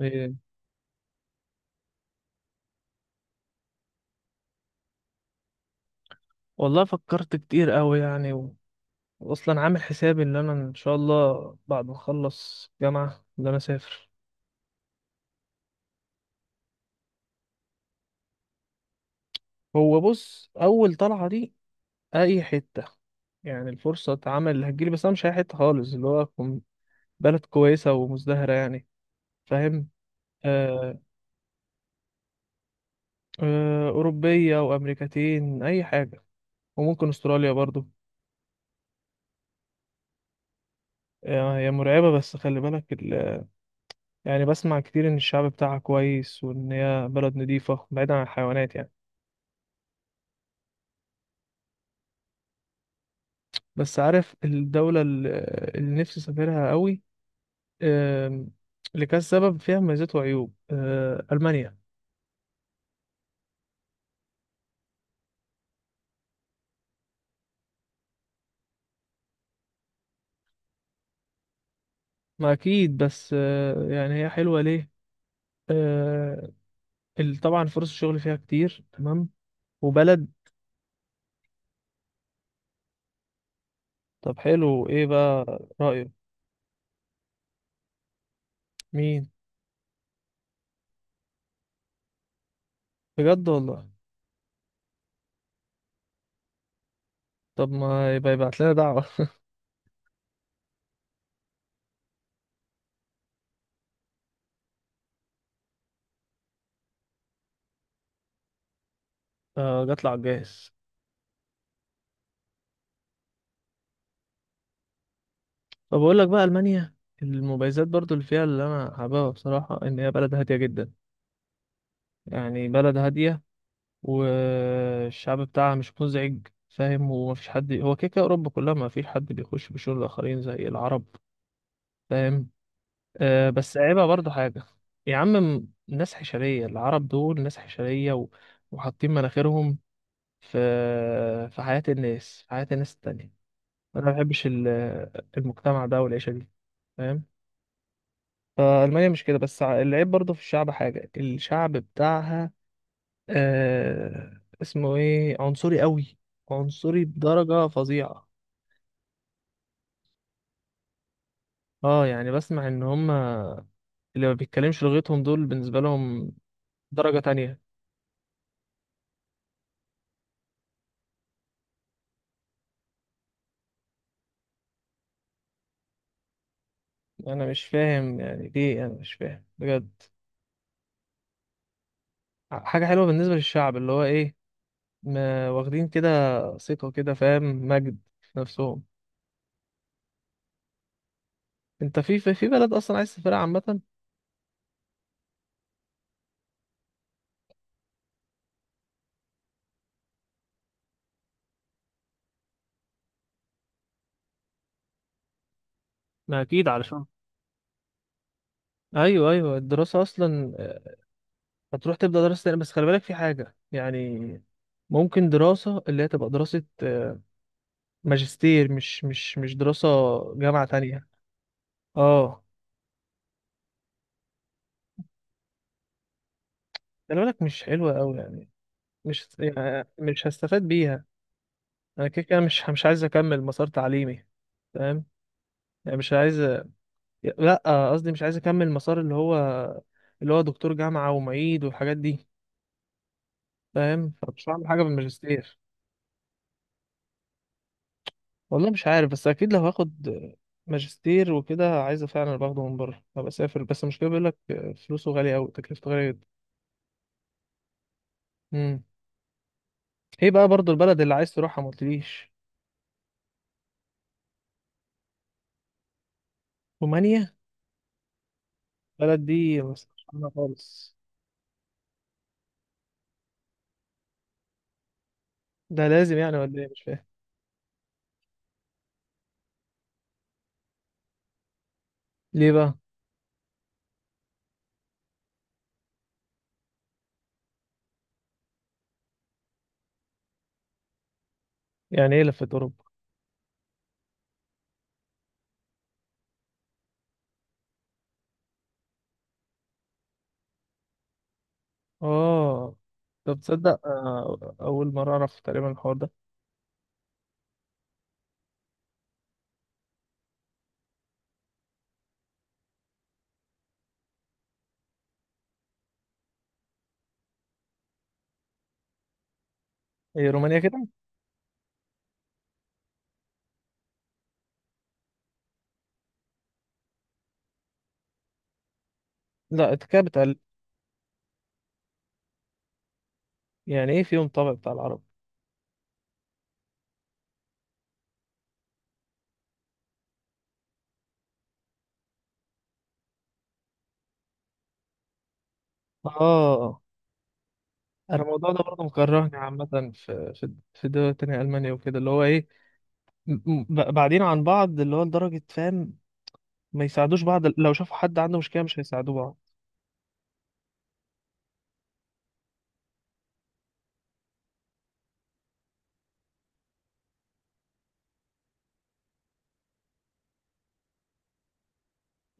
إيه، والله فكرت كتير قوي يعني واصلا عامل حسابي ان انا ان شاء الله بعد ما اخلص جامعة ان انا اسافر. هو بص اول طلعة دي اي حتة، يعني الفرصة عمل اللي هتجيلي، بس انا مش اي حتة خالص، اللي هو أكون بلد كويسة ومزدهرة يعني. فاهم؟ آه. آه اوروبية وامريكتين اي حاجة، وممكن استراليا برضو. آه، هي مرعبة بس خلي بالك يعني بسمع كتير ان الشعب بتاعها كويس، وان هي بلد نظيفة بعيدا عن الحيوانات يعني. بس عارف الدولة اللي اللي نفسي أسافرها قوي؟ آم، لكذا سبب فيها مميزات وعيوب، ألمانيا. ما أكيد، بس يعني هي حلوة ليه. آه، طبعا فرص الشغل فيها كتير، تمام؟ وبلد. طب حلو، إيه بقى رأيك؟ مين؟ بجد والله؟ طب ما يبقى يبعت لنا دعوة. آه، جات على الجاهز. طب أقول لك بقى ألمانيا، المميزات برضو اللي فيها اللي أنا حاببها بصراحة إن هي بلد هادية جدا، يعني بلد هادية. والشعب بتاعها مش مزعج، فاهم؟ ومفيش حد، هو كده كده أوروبا كلها مفيش حد بيخش بشور الآخرين زي العرب، فاهم؟ آه، بس عيبها برضو حاجة. يا عم، ناس حشرية، العرب دول ناس حشرية، و... وحاطين مناخيرهم في في حياة الناس، في حياة الناس التانية. أنا ما بحبش المجتمع ده والعيشة دي، فاهم؟ فألمانيا مش كده، بس العيب برضو في الشعب، حاجة الشعب بتاعها، آه اسمه ايه، عنصري قوي، عنصري بدرجة فظيعة. اه، يعني بسمع ان هما اللي ما بيتكلمش لغتهم دول بالنسبة لهم درجة تانية. انا مش فاهم يعني ليه، انا مش فاهم بجد. حاجة حلوة بالنسبة للشعب اللي هو ايه، ما واخدين كده ثقة كده، فاهم؟ مجد في نفسهم. انت في في في بلد اصلا عايز تسافرها عامة؟ ما اكيد علشان. ايوه ايوه، الدراسة اصلا هتروح تبدأ دراسة تانية، بس خلي بالك في حاجة يعني. ممكن دراسة اللي هي تبقى دراسة، آه، ماجستير، مش دراسة جامعة تانية. اه. خلي بالك مش حلوة أوي يعني، مش يعني مش هستفاد بيها. أنا كده كده مش عايز أكمل مسار تعليمي، فاهم؟ يعني مش عايز، لأ قصدي مش عايز أكمل مسار اللي هو اللي هو دكتور جامعة ومعيد والحاجات دي، فاهم؟ فمش هعمل حاجة بالماجستير. والله مش عارف، بس اكيد لو هاخد ماجستير وكده عايزه فعلا باخده من بره، ابقى اسافر، بس المشكله بيقول لك فلوسه غاليه قوي، تكلفته غاليه جدا. امم ايه بقى برضو البلد اللي عايز تروحها ما قلتليش؟ رومانيا؟ البلد دي ما سمعتش عنها خالص. ده لازم يعني ولا ايه، مش فاهم. ليه بقى؟ يعني ايه لفة اوروبا؟ اه. طب تصدق آه، اول مره اعرف تقريبا الحوار ده. هي رومانيا كده؟ لا كده بتقل. يعني ايه فيهم طابع بتاع العرب؟ اه. انا الموضوع ده برضه مكرهني عامة، في في في دول تانية ألمانيا وكده، اللي هو ايه، بعدين عن بعض اللي هو لدرجة، فاهم؟ ما يساعدوش بعض، لو شافوا حد عنده مشكلة مش هيساعدوه بعض.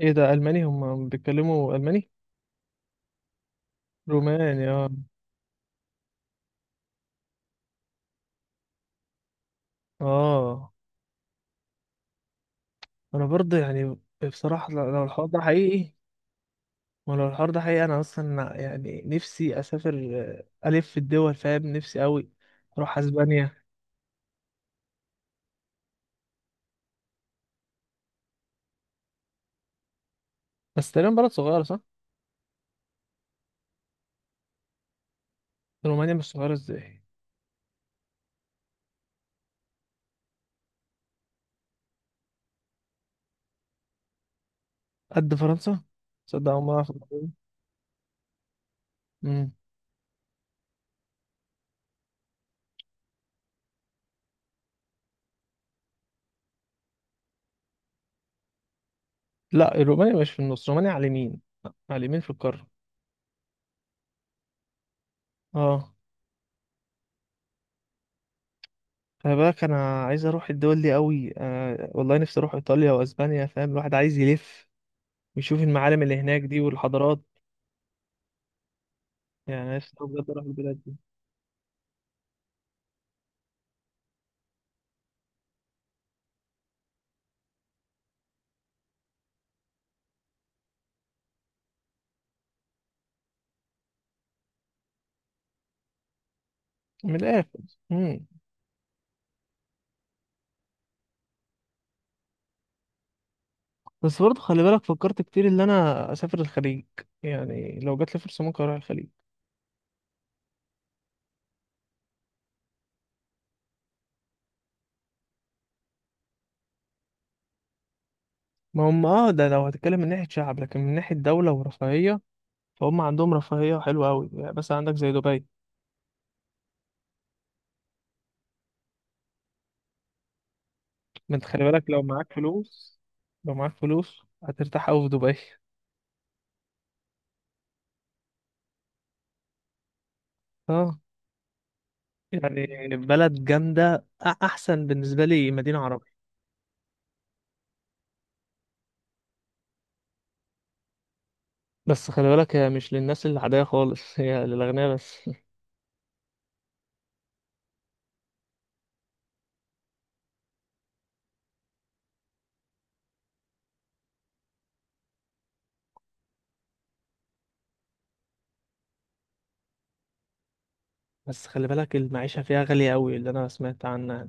ايه ده ألماني، هم بيتكلموا ألماني؟ روماني، اه. اه، انا برضه يعني بصراحة لو لو الحوار ده حقيقي، ولو الحوار ده حقيقي انا اصلا يعني نفسي اسافر. آه، الف في الدول، فاهم؟ نفسي قوي اروح اسبانيا. بس تقريبا بلد صغيرة، صح؟ رومانيا مش صغيرة ازاي؟ قد فرنسا؟ تصدق أول مرة أعرف. مم. لا الرومانيا مش في النص، رومانيا على اليمين، على اليمين في القارة. اه. خلي بالك انا عايز اروح الدول دي قوي. آه والله نفسي اروح ايطاليا واسبانيا، فاهم؟ الواحد عايز يلف ويشوف المعالم اللي هناك دي والحضارات. يعني نفسي أوي بجد اروح البلاد دي. من الاخر. مم. بس برضه خلي بالك فكرت كتير ان انا اسافر الخليج، يعني لو جات لي فرصة ممكن اروح الخليج. ما هم اه، ده لو هتتكلم من ناحية شعب، لكن من ناحية دولة ورفاهية فهم عندهم رفاهية حلوة قوي يعني، بس عندك زي دبي. ما انت خلي بالك لو معاك فلوس، لو معاك فلوس هترتاح قوي في دبي. اه، يعني بلد جامدة، أحسن بالنسبة لي مدينة عربية. بس خلي بالك هي مش للناس العادية خالص، هي للأغنياء بس. بس خلي بالك المعيشة فيها غالية قوي اللي أنا سمعت عنها.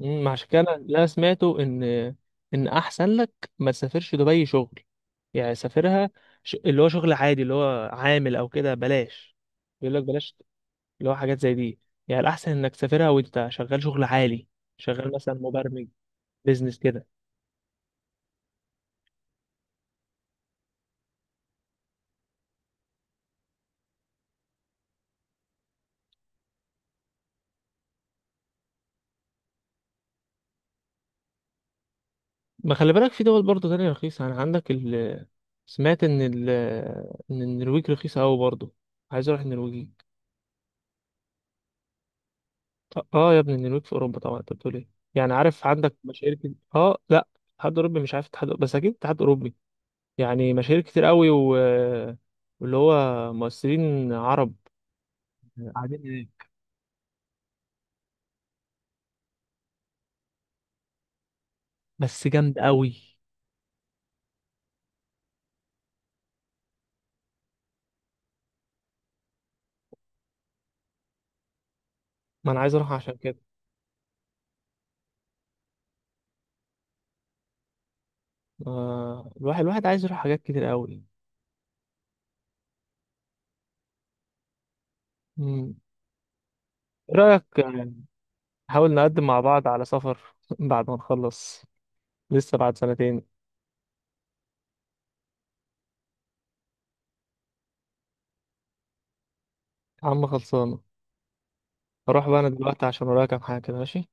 عشان كده اللي أنا سمعته إن، إن أحسن لك ما تسافرش دبي شغل، يعني سافرها اللي هو شغل عادي اللي هو عامل أو كده بلاش، يقول لك بلاش اللي هو حاجات زي دي. يعني الأحسن إنك تسافرها وأنت شغال شغل عالي، شغال مثلا مبرمج، بيزنس كده. ما خلي بالك في دول برضه تانية رخيصة، يعني عندك ال، سمعت إن ال، إن النرويج رخيصة أوي برضه. عايز أروح النرويج. آه يا ابني النرويج في أوروبا طبعا، أنت بتقول إيه؟ يعني عارف عندك مشاهير كده، آه لأ، اتحاد أوروبي، مش عارف اتحاد، بس أكيد اتحاد أوروبي. يعني مشاهير كتير أوي و... واللي هو مؤثرين عرب قاعدين هناك. بس جامدة أوي. ما أنا عايز أروح عشان كده. آه، الواحد عايز يروح حاجات كتير قوي. مم. ايه رأيك آه، نحاول نقدم مع بعض على سفر بعد ما نخلص؟ لسه بعد سنتين. يا عم خلصانة. اروح بقى انا دلوقتي عشان ورايا كام حاجة كده، ماشي؟